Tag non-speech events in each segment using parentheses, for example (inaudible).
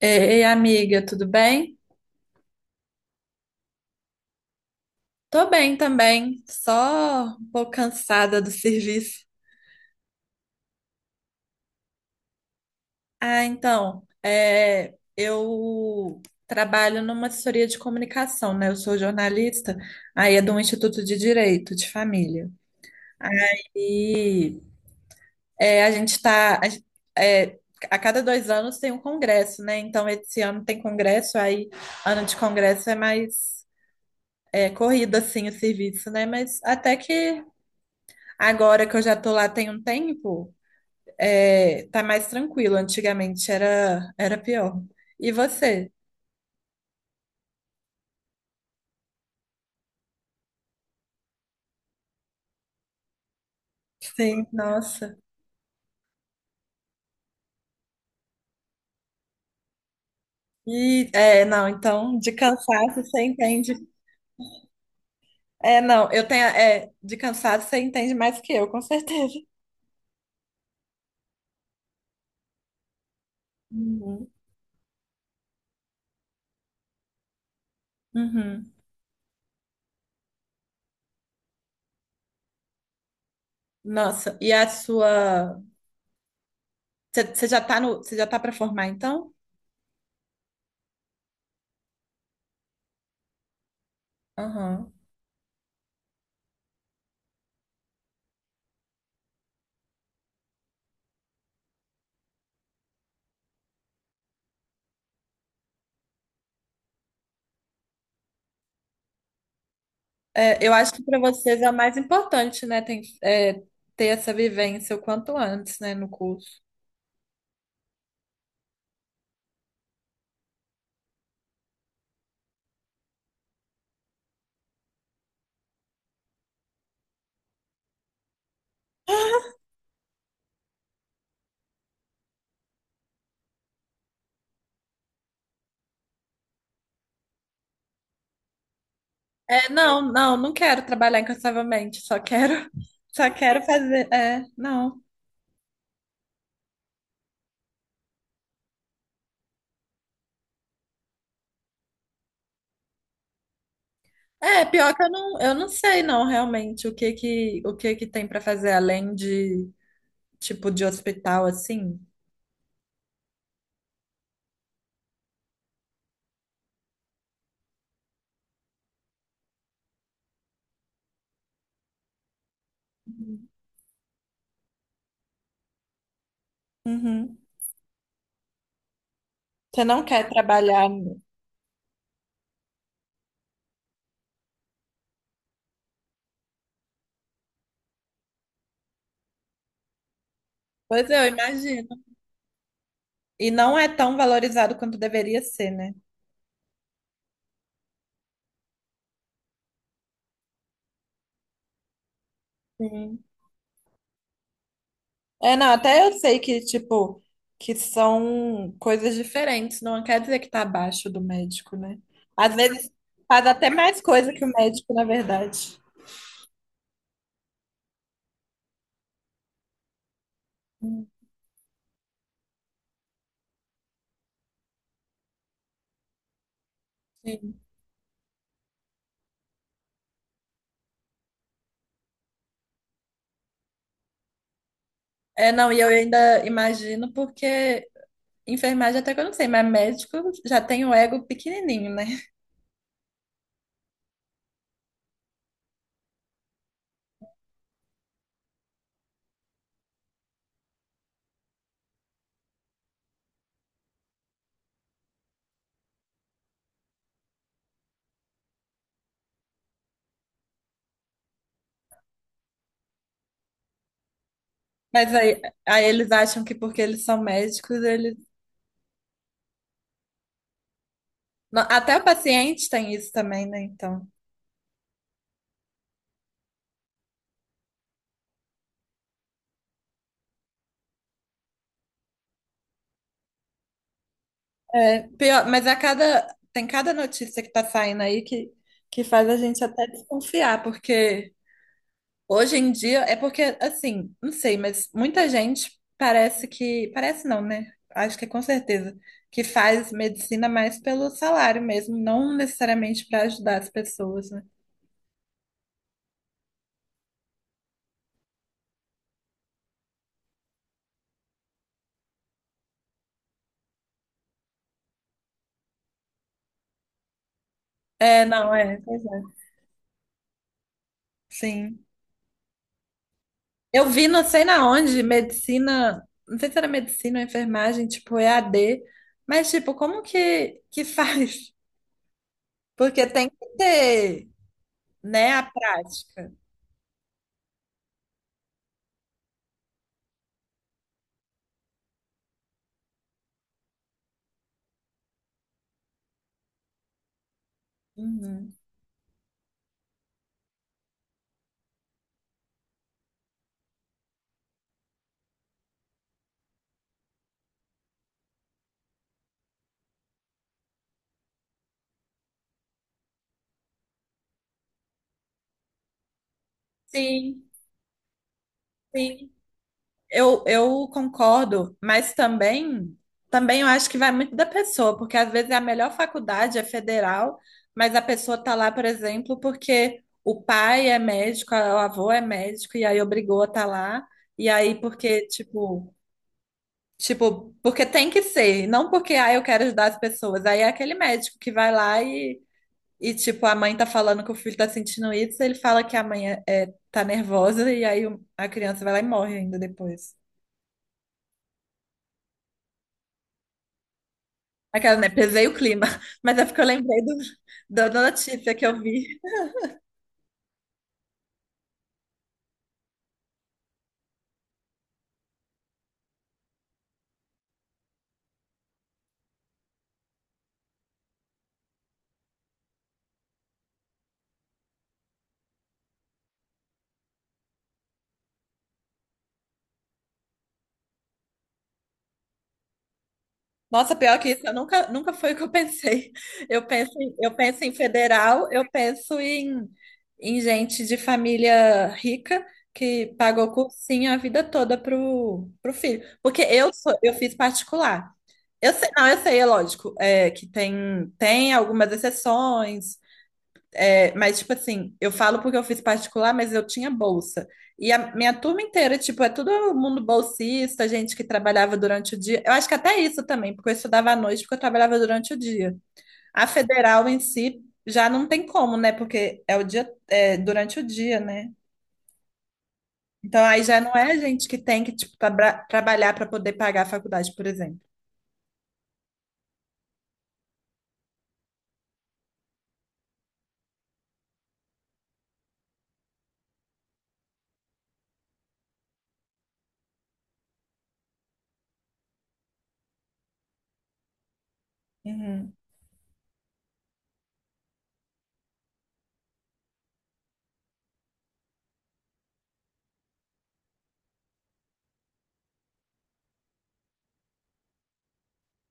Ei, amiga, tudo bem? Tô bem também, só um pouco cansada do (laughs) serviço. Eu trabalho numa assessoria de comunicação, né? Eu sou jornalista, aí é do Instituto de Direito de Família. Aí a gente tá. É, a cada dois anos tem um congresso, né? Então, esse ano tem congresso, aí ano de congresso é mais corrido, assim, o serviço, né? Mas até que agora que eu já tô lá tem um tempo, tá mais tranquilo. Antigamente era pior. E você? Sim, nossa. E é, não, Então de cansaço você entende. É, não, eu tenho. É, De cansaço você entende mais que eu, com certeza. Uhum. Uhum. Nossa, e a sua. Você já tá no, você já tá para formar, então? Aham. É, eu acho que para vocês é o mais importante, né? Ter essa vivência o quanto antes, né, no curso. Não, não, não quero trabalhar incansavelmente, só quero, (laughs) só quero fazer, é, não. É, pior que eu não sei não realmente o que que tem pra fazer além de tipo de hospital assim. Uhum. Você não quer trabalhar, né? Pois é, eu imagino. E não é tão valorizado quanto deveria ser, né? Sim. É, não, até eu sei que, tipo, que são coisas diferentes, não quer dizer que tá abaixo do médico, né? Às vezes faz até mais coisa que o médico, na verdade. Hum. Sim. É, não, e eu ainda imagino porque enfermagem até que eu não sei, mas médico já tem o ego pequenininho, né? Mas aí, aí eles acham que porque eles são médicos, eles... Não, até o paciente tem isso também, né? Então... Pior, mas a cada, tem cada notícia que tá saindo aí que faz a gente até desconfiar, porque hoje em dia é porque, assim, não sei, mas muita gente parece que, parece não, né? Acho que é com certeza, que faz medicina mais pelo salário mesmo, não necessariamente para ajudar as pessoas, né? É, não, é, pois é, Sim. Eu vi, não sei na onde, medicina, não sei se era medicina ou enfermagem, tipo EAD, mas tipo, como que (laughs) faz? Porque tem que ter, né, a prática. Uhum. Sim, sim. Eu concordo, mas também, também eu acho que vai muito da pessoa, porque às vezes é a melhor faculdade é federal, mas a pessoa tá lá, por exemplo, porque o pai é médico, o avô é médico, e aí obrigou a tá lá, e aí porque, tipo, tipo, porque tem que ser, não porque, ah, eu quero ajudar as pessoas. Aí é aquele médico que vai lá e, tipo, a mãe tá falando que o filho tá sentindo isso, ele fala que a mãe tá nervosa, e aí a criança vai lá e morre ainda depois. Aquela, né? Pesei o clima. (laughs) Mas é porque eu lembrei do, da notícia que eu vi. Nossa, pior que isso, eu nunca foi o que eu pensei. Eu penso em federal, eu penso em, em gente de família rica que pagou cursinho a vida toda pro, pro filho. Porque eu sou, eu fiz particular. Eu sei, não, Eu sei, é lógico, é, que tem, tem algumas exceções, é, mas, tipo assim, eu falo porque eu fiz particular, mas eu tinha bolsa. E a minha turma inteira, tipo, é todo mundo bolsista, gente que trabalhava durante o dia. Eu acho que até isso também, porque eu estudava à noite, porque eu trabalhava durante o dia. A federal em si já não tem como, né? Porque é o dia, é, durante o dia, né? Então aí já não é gente que tem que, tipo, trabalhar para poder pagar a faculdade, por exemplo. Uhum.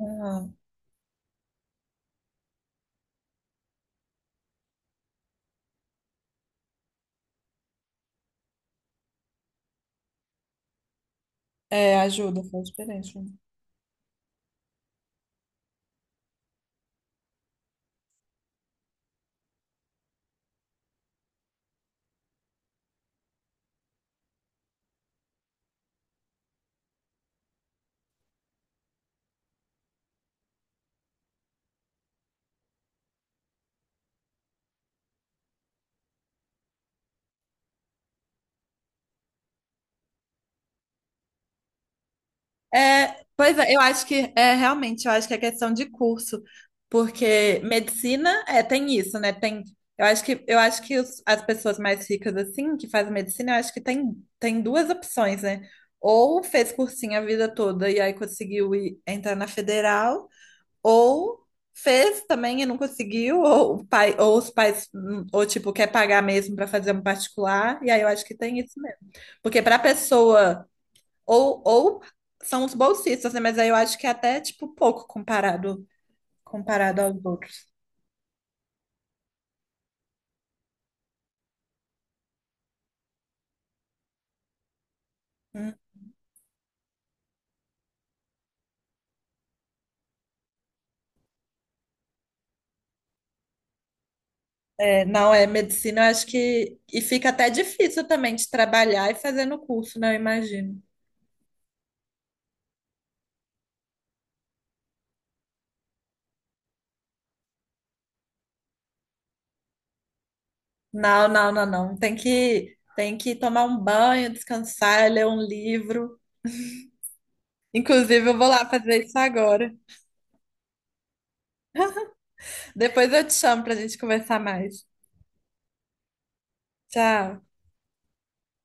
Aham. É, ajuda, faz diferença. É, pois é, eu acho que é questão de curso, porque medicina é tem isso, né? Tem, eu acho que as pessoas mais ricas assim que fazem medicina, eu acho que tem duas opções, né? Ou fez cursinho a vida toda e aí conseguiu ir, entrar na federal, ou fez também e não conseguiu, ou o pai, ou os pais, ou tipo, quer pagar mesmo para fazer um particular, e aí eu acho que tem isso mesmo. Porque para pessoa, ou são os bolsistas, né? Mas aí eu acho que é até tipo pouco comparado aos outros. Hum. É, não é medicina, eu acho que e fica até difícil também de trabalhar e fazer no curso, né? Eu imagino. Não, não, não, não. Tem que tomar um banho, descansar, ler um livro. Inclusive, eu vou lá fazer isso agora. Depois eu te chamo pra gente conversar mais. Tchau.